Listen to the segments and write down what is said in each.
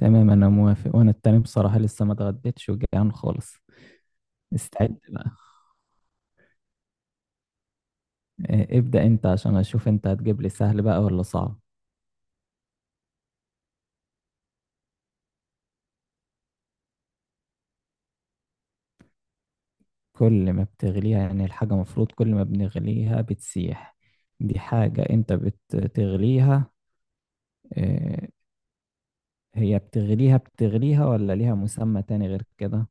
تمام، انا موافق، وانا التاني بصراحة لسه ما اتغديتش وجعان خالص. استعد بقى. آه، ابدأ انت عشان اشوف انت هتجيب لي سهل بقى ولا صعب. كل ما بتغليها، يعني الحاجة مفروض كل ما بنغليها بتسيح. دي حاجة انت بتغليها. آه، هي بتغليها بتغليها ولا ليها مسمى تاني غير كده؟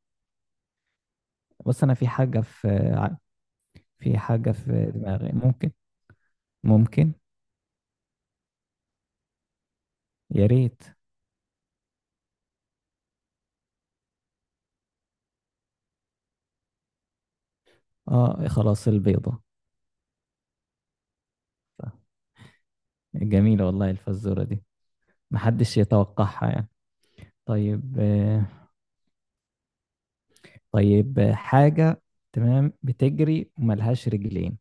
بص، انا ع- في حاجة في دماغي، ممكن. يا ريت. اه، خلاص، البيضة. جميلة والله الفزورة دي. محدش يتوقعها يعني. طيب طيب حاجة تمام بتجري وملهاش رجلين،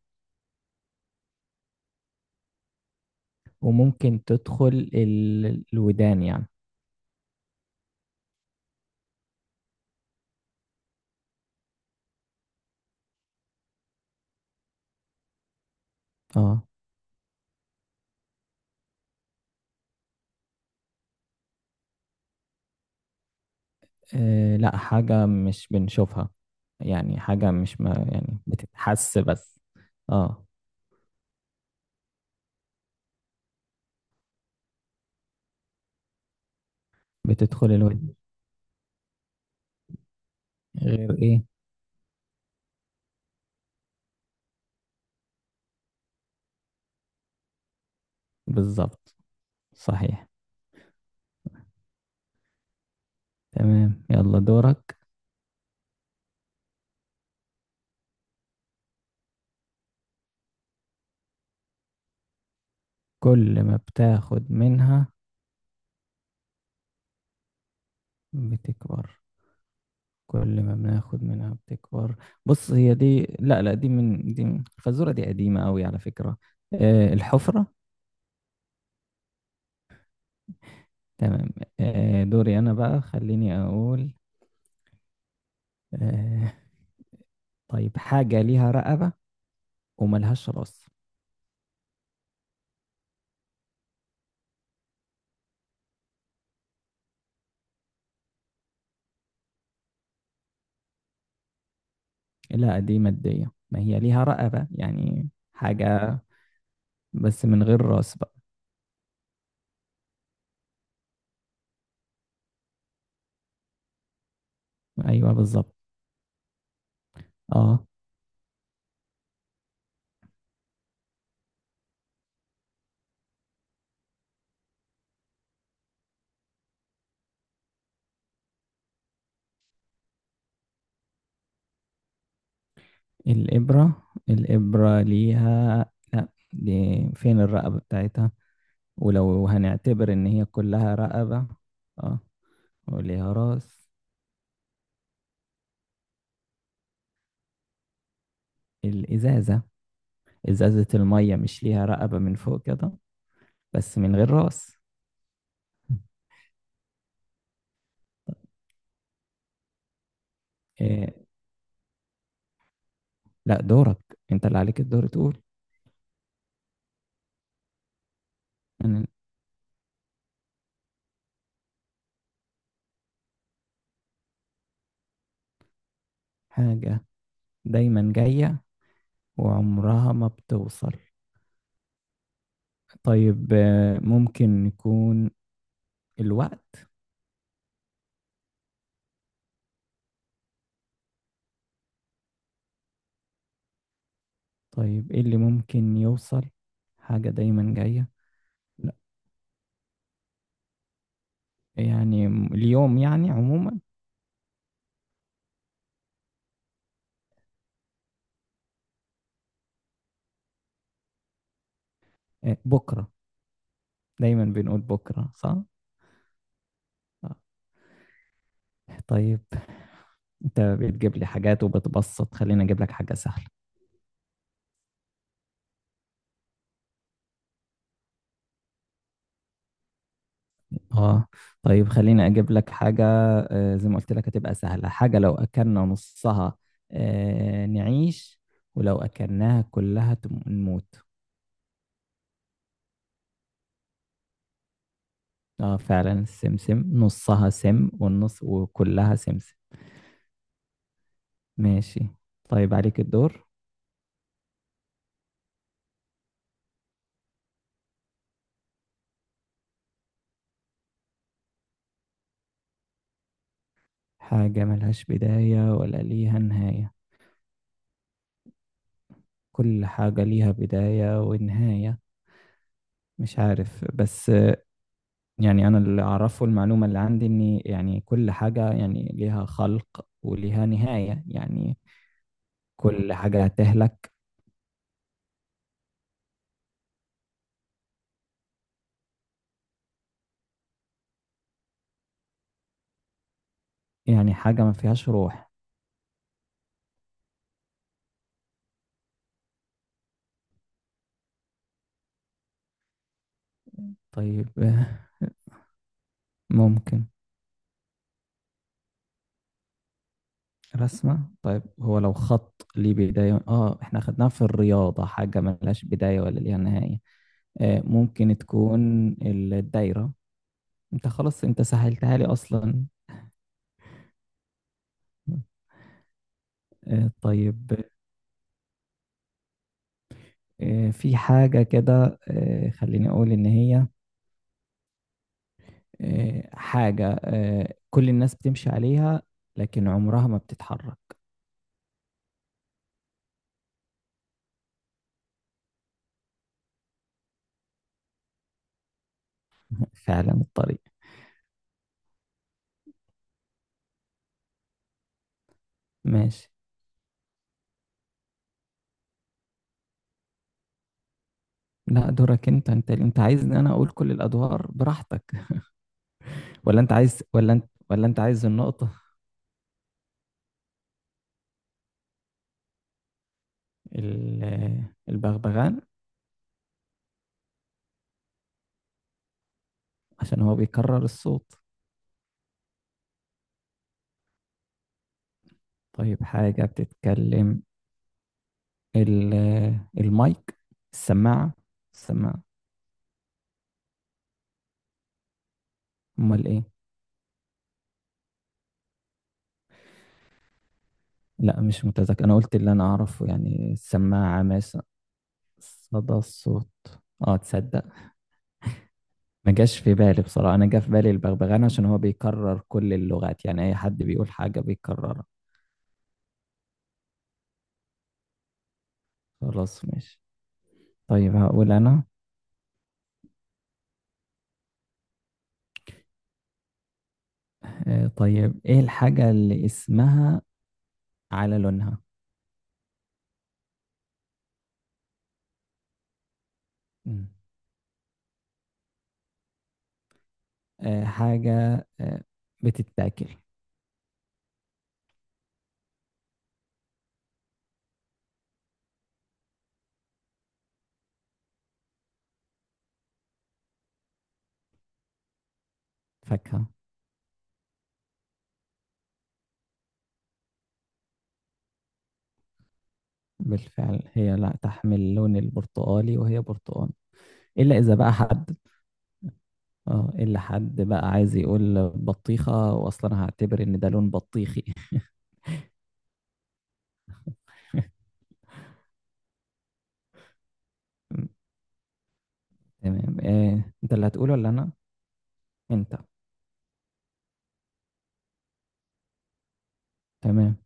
وممكن تدخل الودان يعني. اه، آه، لا، حاجة مش بنشوفها. يعني حاجة مش، ما يعني، بتتحس بس. اه. بتدخل الودان، غير ايه؟ بالظبط. صحيح. تمام، يلا دورك. كل ما بتاخد منها بتكبر. كل ما بناخد منها بتكبر. بص، هي دي، لا، لا، الخازوره دي قديمه قوي على فكره. آه، الحفره. تمام. دوري انا بقى، خليني اقول. آه طيب، حاجه ليها رقبه وملهاش راس. لا، دي ماديه، ما هي ليها رقبه يعني. حاجه بس من غير راس بقى. ايوه، بالظبط. اه. الابره، الابره ليها، لا، دي، فين الرقبه بتاعتها؟ ولو هنعتبر إن هي كلها رقبة. اه، وليها راس. الإزازة. إزازة المية مش ليها رقبة من فوق كده؟ بس من غير راس. إيه؟ لا، دورك، أنت اللي عليك الدور تقول. أنا. حاجة دايما جاية وعمرها ما بتوصل. طيب، ممكن يكون الوقت. طيب، إيه اللي ممكن يوصل؟ حاجة دايما جاية. لا، يعني اليوم يعني عموما. آه، بكرة. دايما بنقول بكرة، صح. طيب. انت بتجيب لي حاجات وبتبسط، خليني اجيب لك حاجة سهلة. اه. طيب، خليني اجيب لك حاجة. زي ما قلت لك هتبقى سهلة. حاجة لو اكلنا نصها نعيش، ولو اكلناها كلها نموت. اه، فعلا، السمسم، نصها سم والنص، وكلها سمسم. ماشي. طيب، عليك الدور. حاجة ملهاش بداية ولا ليها نهاية. كل حاجة ليها بداية ونهاية. مش عارف بس. يعني أنا اللي أعرفه المعلومة اللي عندي، إن يعني كل حاجة يعني ليها خلق وليها نهاية يعني. كل حاجة هتهلك. يعني حاجة ما فيهاش روح. طيب. ممكن. رسمة؟ طيب هو لو خط ليه بداية، إحنا خدناها في الرياضة، حاجة ملهاش بداية ولا ليها نهاية. ممكن تكون الدايرة. أنت، خلاص، أنت سهلتها لي أصلا. طيب. في حاجة كده، خليني أقول إن هي حاجة كل الناس بتمشي عليها لكن عمرها ما بتتحرك. فعلا، الطريق. ماشي. لا، دورك انت، عايزني انا اقول كل الادوار براحتك؟ ولا انت عايز، ولا انت عايز النقطة؟ البغبغان، عشان هو بيكرر الصوت. طيب، حاجة بتتكلم، ال- المايك، السماعة، السماعة. امال ايه؟ لا، مش متذكر، انا قلت اللي انا اعرفه يعني، السماعة مثلا. صدى الصوت. اه، تصدق. ما جاش في بالي بصراحة، أنا جا في بالي البغبغان عشان هو بيكرر كل اللغات، يعني أي حد بيقول حاجة بيكررها. خلاص، ماشي. طيب، هقول أنا. طيب، إيه الحاجة اللي اسمها على لونها؟ مم. حاجة بتتاكل. فاكهة. بالفعل، هي لا تحمل اللون البرتقالي وهي برتقال. إلا إذا بقى حد. اه، إلا حد بقى عايز يقول بطيخة، وأصلا هعتبر إن ده لون بطيخي. تمام، أنت اللي هتقوله ولا أنا؟ أنت. تمام.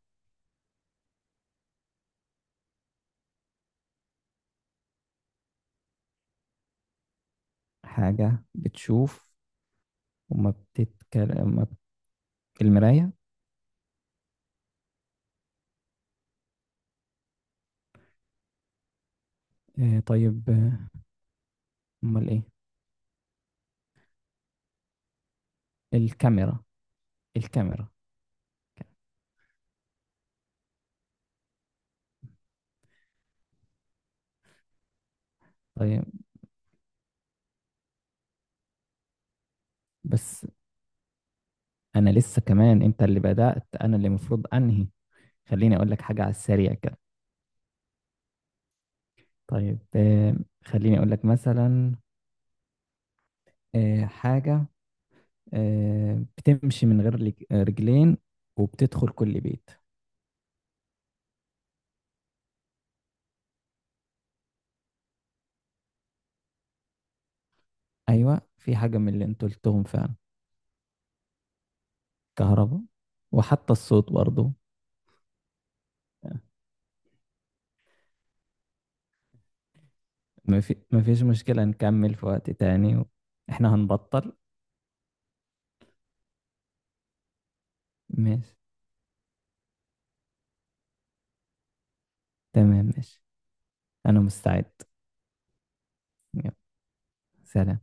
حاجة بتشوف وما بتتكلم ما بت... المراية. طيب، أمال إيه؟ الكاميرا، الكاميرا. طيب. بس أنا لسه كمان، أنت اللي بدأت، أنا اللي المفروض أنهي. خليني أقول لك حاجة على السريع كده. طيب، خليني أقول لك مثلا حاجة بتمشي من غير رجلين، وبتدخل كل بيت. أيوة، في حاجة من اللي أنتوا قلتهم فعلا. كهرباء، وحتى الصوت برضو. ما فيش مشكلة، نكمل في وقت تاني. احنا هنبطل. ماشي، تمام، ماشي. أنا مستعد. يلا، سلام.